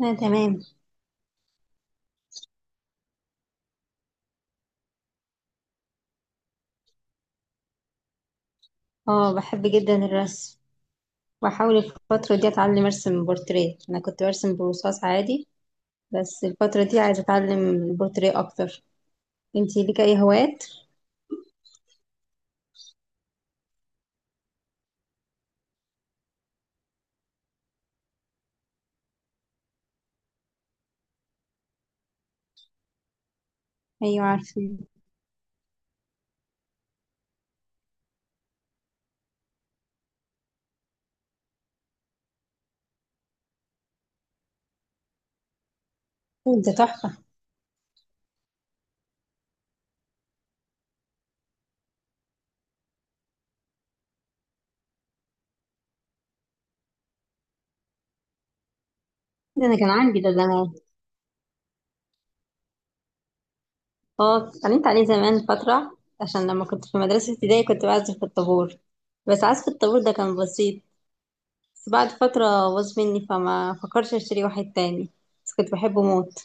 أنا تمام. اه، بحب جدا الرسم. بحاول الفترة دي أتعلم أرسم بورتريه. أنا كنت برسم برصاص عادي، بس الفترة دي عايزة أتعلم البورتريه أكتر. انتي ليك أي هوايات؟ أيوة عارفة. انت تحفة. ده أنا كان عندي ده زمان. اه، اتعلمت عليه زمان فترة عشان لما كنت في مدرسة ابتدائي كنت بعزف في الطابور. بس عزف الطابور ده كان بسيط. بس بعد فترة باظ مني، فما فكرش أشتري واحد تاني. بس كنت بحبه موت.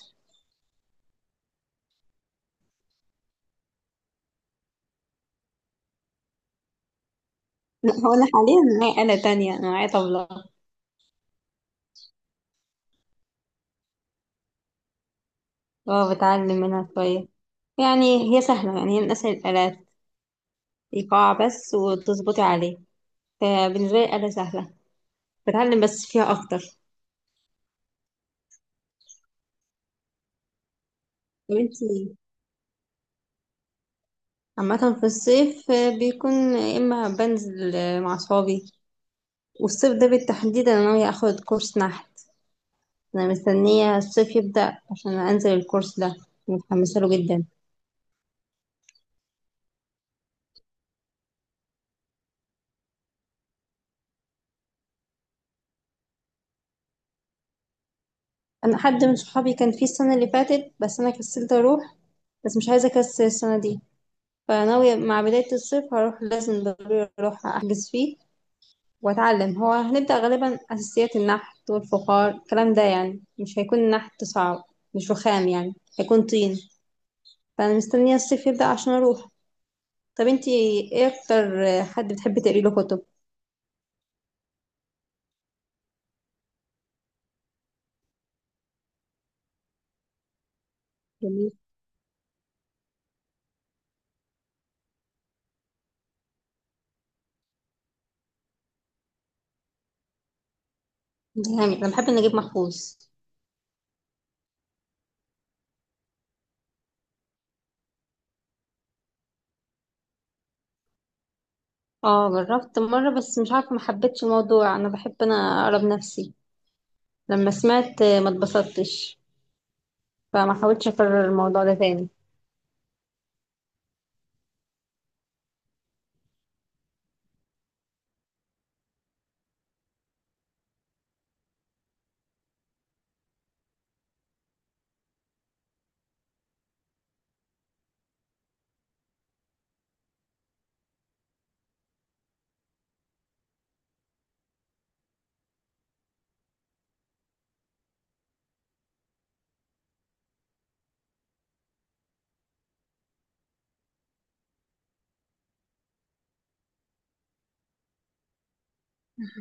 لا، هو أنا حاليا معايا آلة تانية، أنا معايا طبلة. اه، بتعلم منها شوية. يعني هي سهلة، يعني هي من أسهل الآلات. إيقاع بس وتظبطي عليه. فبالنسبة لي آلة سهلة. بتعلم بس فيها أكتر. طب انتي؟ عامة في الصيف بيكون يا إما بنزل مع صحابي. والصيف ده بالتحديد أنا ناوية أخد كورس نحت. أنا مستنية الصيف يبدأ عشان أنزل الكورس ده. متحمسة له جدا. أنا حد من صحابي كان فيه السنة اللي فاتت، بس أنا كسلت أروح. بس مش عايزة أكسل السنة دي. فناوية مع بداية الصيف هروح، لازم ضروري اروح احجز فيه واتعلم. هو هنبدأ غالبا اساسيات النحت والفخار، الكلام ده يعني مش هيكون النحت صعب. مش رخام يعني، هيكون طين. فانا مستنية الصيف يبدأ عشان اروح. طب انتي؟ ايه اكتر حد بتحبي تقري له كتب؟ جميل. جامد. انا بحب نجيب محفوظ. اه، جربت مرة بس مش عارفة، ما حبيتش الموضوع. انا بحب انا اقرا بنفسي. لما سمعت ما اتبسطتش، فما حاولتش اكرر الموضوع ده تاني.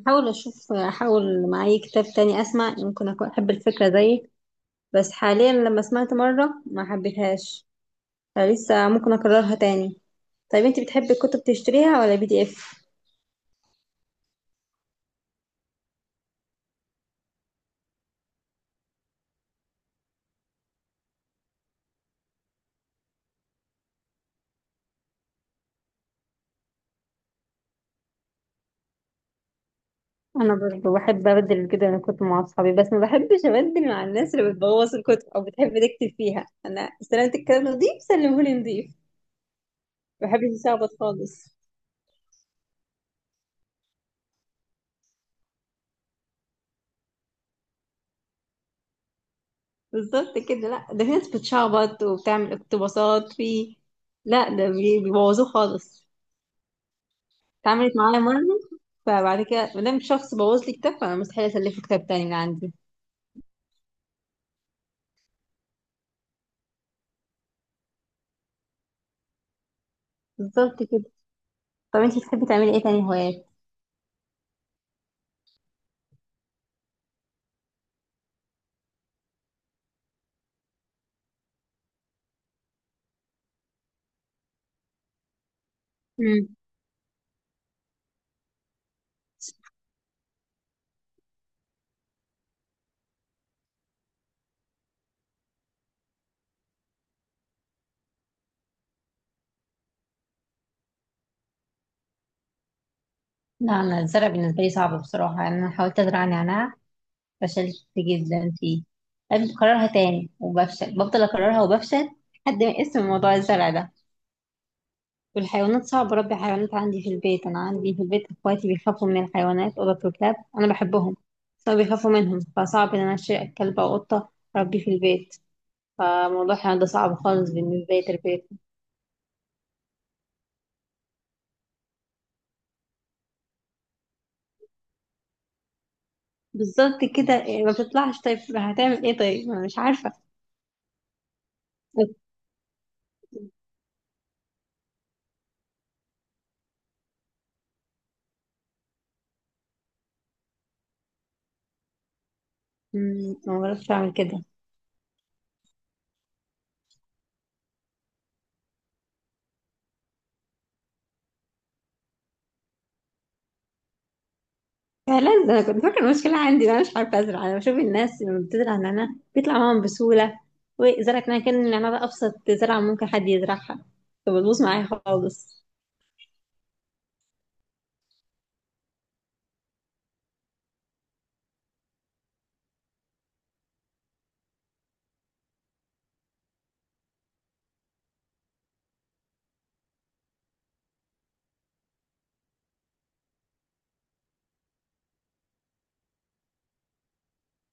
هحاول اشوف، احاول مع اي كتاب تاني اسمع، ممكن اكون احب الفكره زيك. بس حاليا لما سمعت مره ما حبيتهاش، فلسه ممكن اكررها تاني. طيب انت بتحبي الكتب تشتريها ولا بي دي اف؟ انا برضه بحب ابدل كده الكتب مع اصحابي. بس ما بحبش ابدل مع الناس اللي بتبوظ الكتب او بتحب تكتب فيها. انا استلمت الكتاب نضيف، سلمهولي نضيف. ما بحبش يشعبط خالص. بالظبط كده. لا ده في ناس بتشعبط وبتعمل اقتباسات في، لا ده بيبوظوه خالص. اتعملت معايا مرة، فبعد كده مادام شخص بوظ لي كتاب فأنا مستحيل أسلفه كتاب تاني من عندي. بالظبط كده. طب انتي بتحبي تعملي ايه تاني هوايات؟ مم. لا انا الزرع بالنسبه لي صعب بصراحه. يعني انا حاولت ازرع نعناع، فشلت جدا فيه. لازم اكررها تاني وبفشل، بفضل اكررها وبفشل. لحد ما اسم موضوع الزرع ده. والحيوانات صعب اربي حيوانات عندي في البيت. انا عندي في البيت اخواتي بيخافوا من الحيوانات، قطط وكلاب. انا بحبهم بس هما بيخافوا منهم، فصعب ان انا اشتري كلب او قطه اربيه في البيت. فموضوع كان ده صعب خالص بالنسبة لي تربيتهم. بالظبط كده، يعني ما بتطلعش. طيب هتعمل ايه؟ طيب ما أنا مش عارفة. ما بعرفش اعمل كده. فعلا ده انا كنت فاكرة المشكلة عندي إن انا مش عارفة ازرع. انا بشوف الناس لما بتزرع نعناع بيطلع معاهم بسهولة، وزرعت نعناع كان النعناع ده ابسط زرعة ممكن حد يزرعها، فبتبوظ معايا خالص.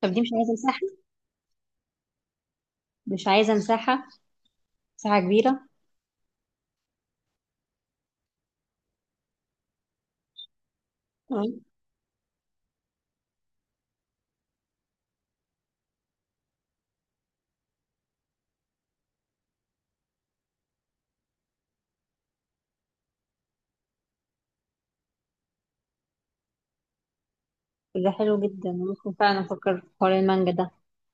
طب دي مش عايزة مساحة، مساحة كبيرة. تمام. ده حلو جدا، ممكن فعلا افكر في حوار المانجا ده.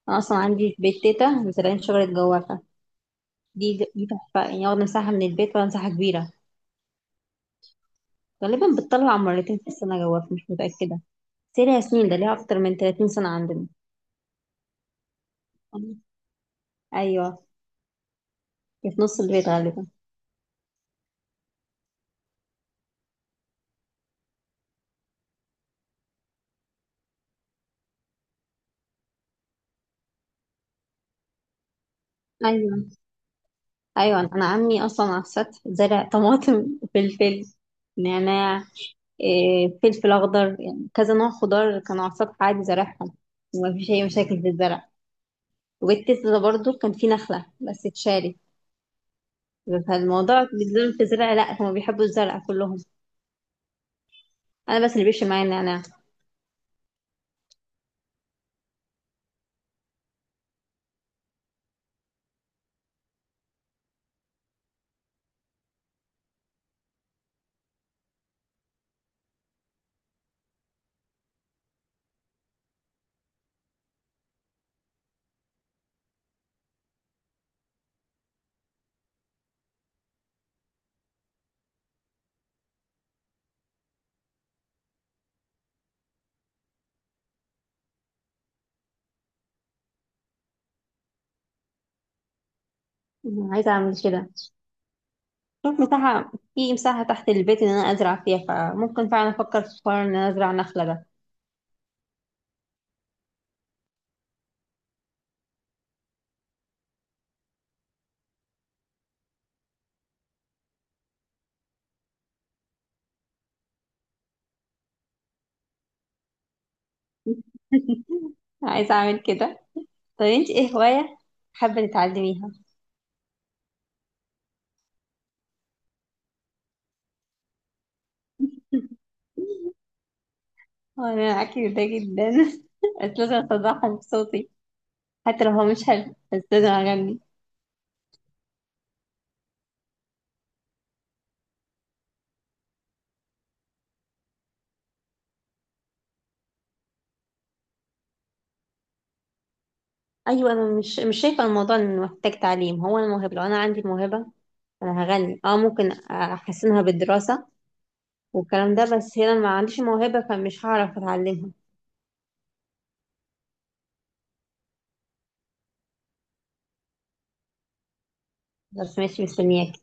انا اصلا عندي في بيت تيتا مزرعين شجرة جوافة. دي تحفة يعني، واخدة مساحة من البيت ولا مساحة كبيرة. غالبا بتطلع مرتين في السنة، جواك مش متأكدة. بس هي ليها سنين، ده ليها أكتر من 30 سنة عندنا. أيوة. هي في نص البيت غالبا. أيوة، أيوة. أنا عمي أصلا على السطح زرع طماطم فلفل، نعناع، فلفل أخضر، يعني كذا نوع خضار كانوا على السطح عادي زارعهم. ومفيش أي مشاكل في الزرع. وبيت تيتا ده برضه كان فيه نخلة بس اتشالت. فالموضوع بالذات في الزرع لأ، هما بيحبوا الزرع كلهم، انا بس اللي بيفشل معايا النعناع. عايزه اعمل كده. شوف مساحه في مساحه تحت البيت ان انا ازرع فيها، فممكن فعلا افكر في حوار ان انا ازرع نخله ده. عايزه اعمل كده. طب انت ايه هوايه حابه تتعلميها؟ وانا معاكي في ده جدا بس لازم اصدعها بصوتي، حتى لو هو مش حلو بس لازم اغني. ايوه انا مش شايفه الموضوع انه محتاج تعليم. هو انا موهبه، لو انا عندي الموهبه انا هغني. اه ممكن احسنها بالدراسه والكلام ده، بس هنا ما عنديش موهبة فمش هعرف اتعلمها. بس ماشي، مستنياك.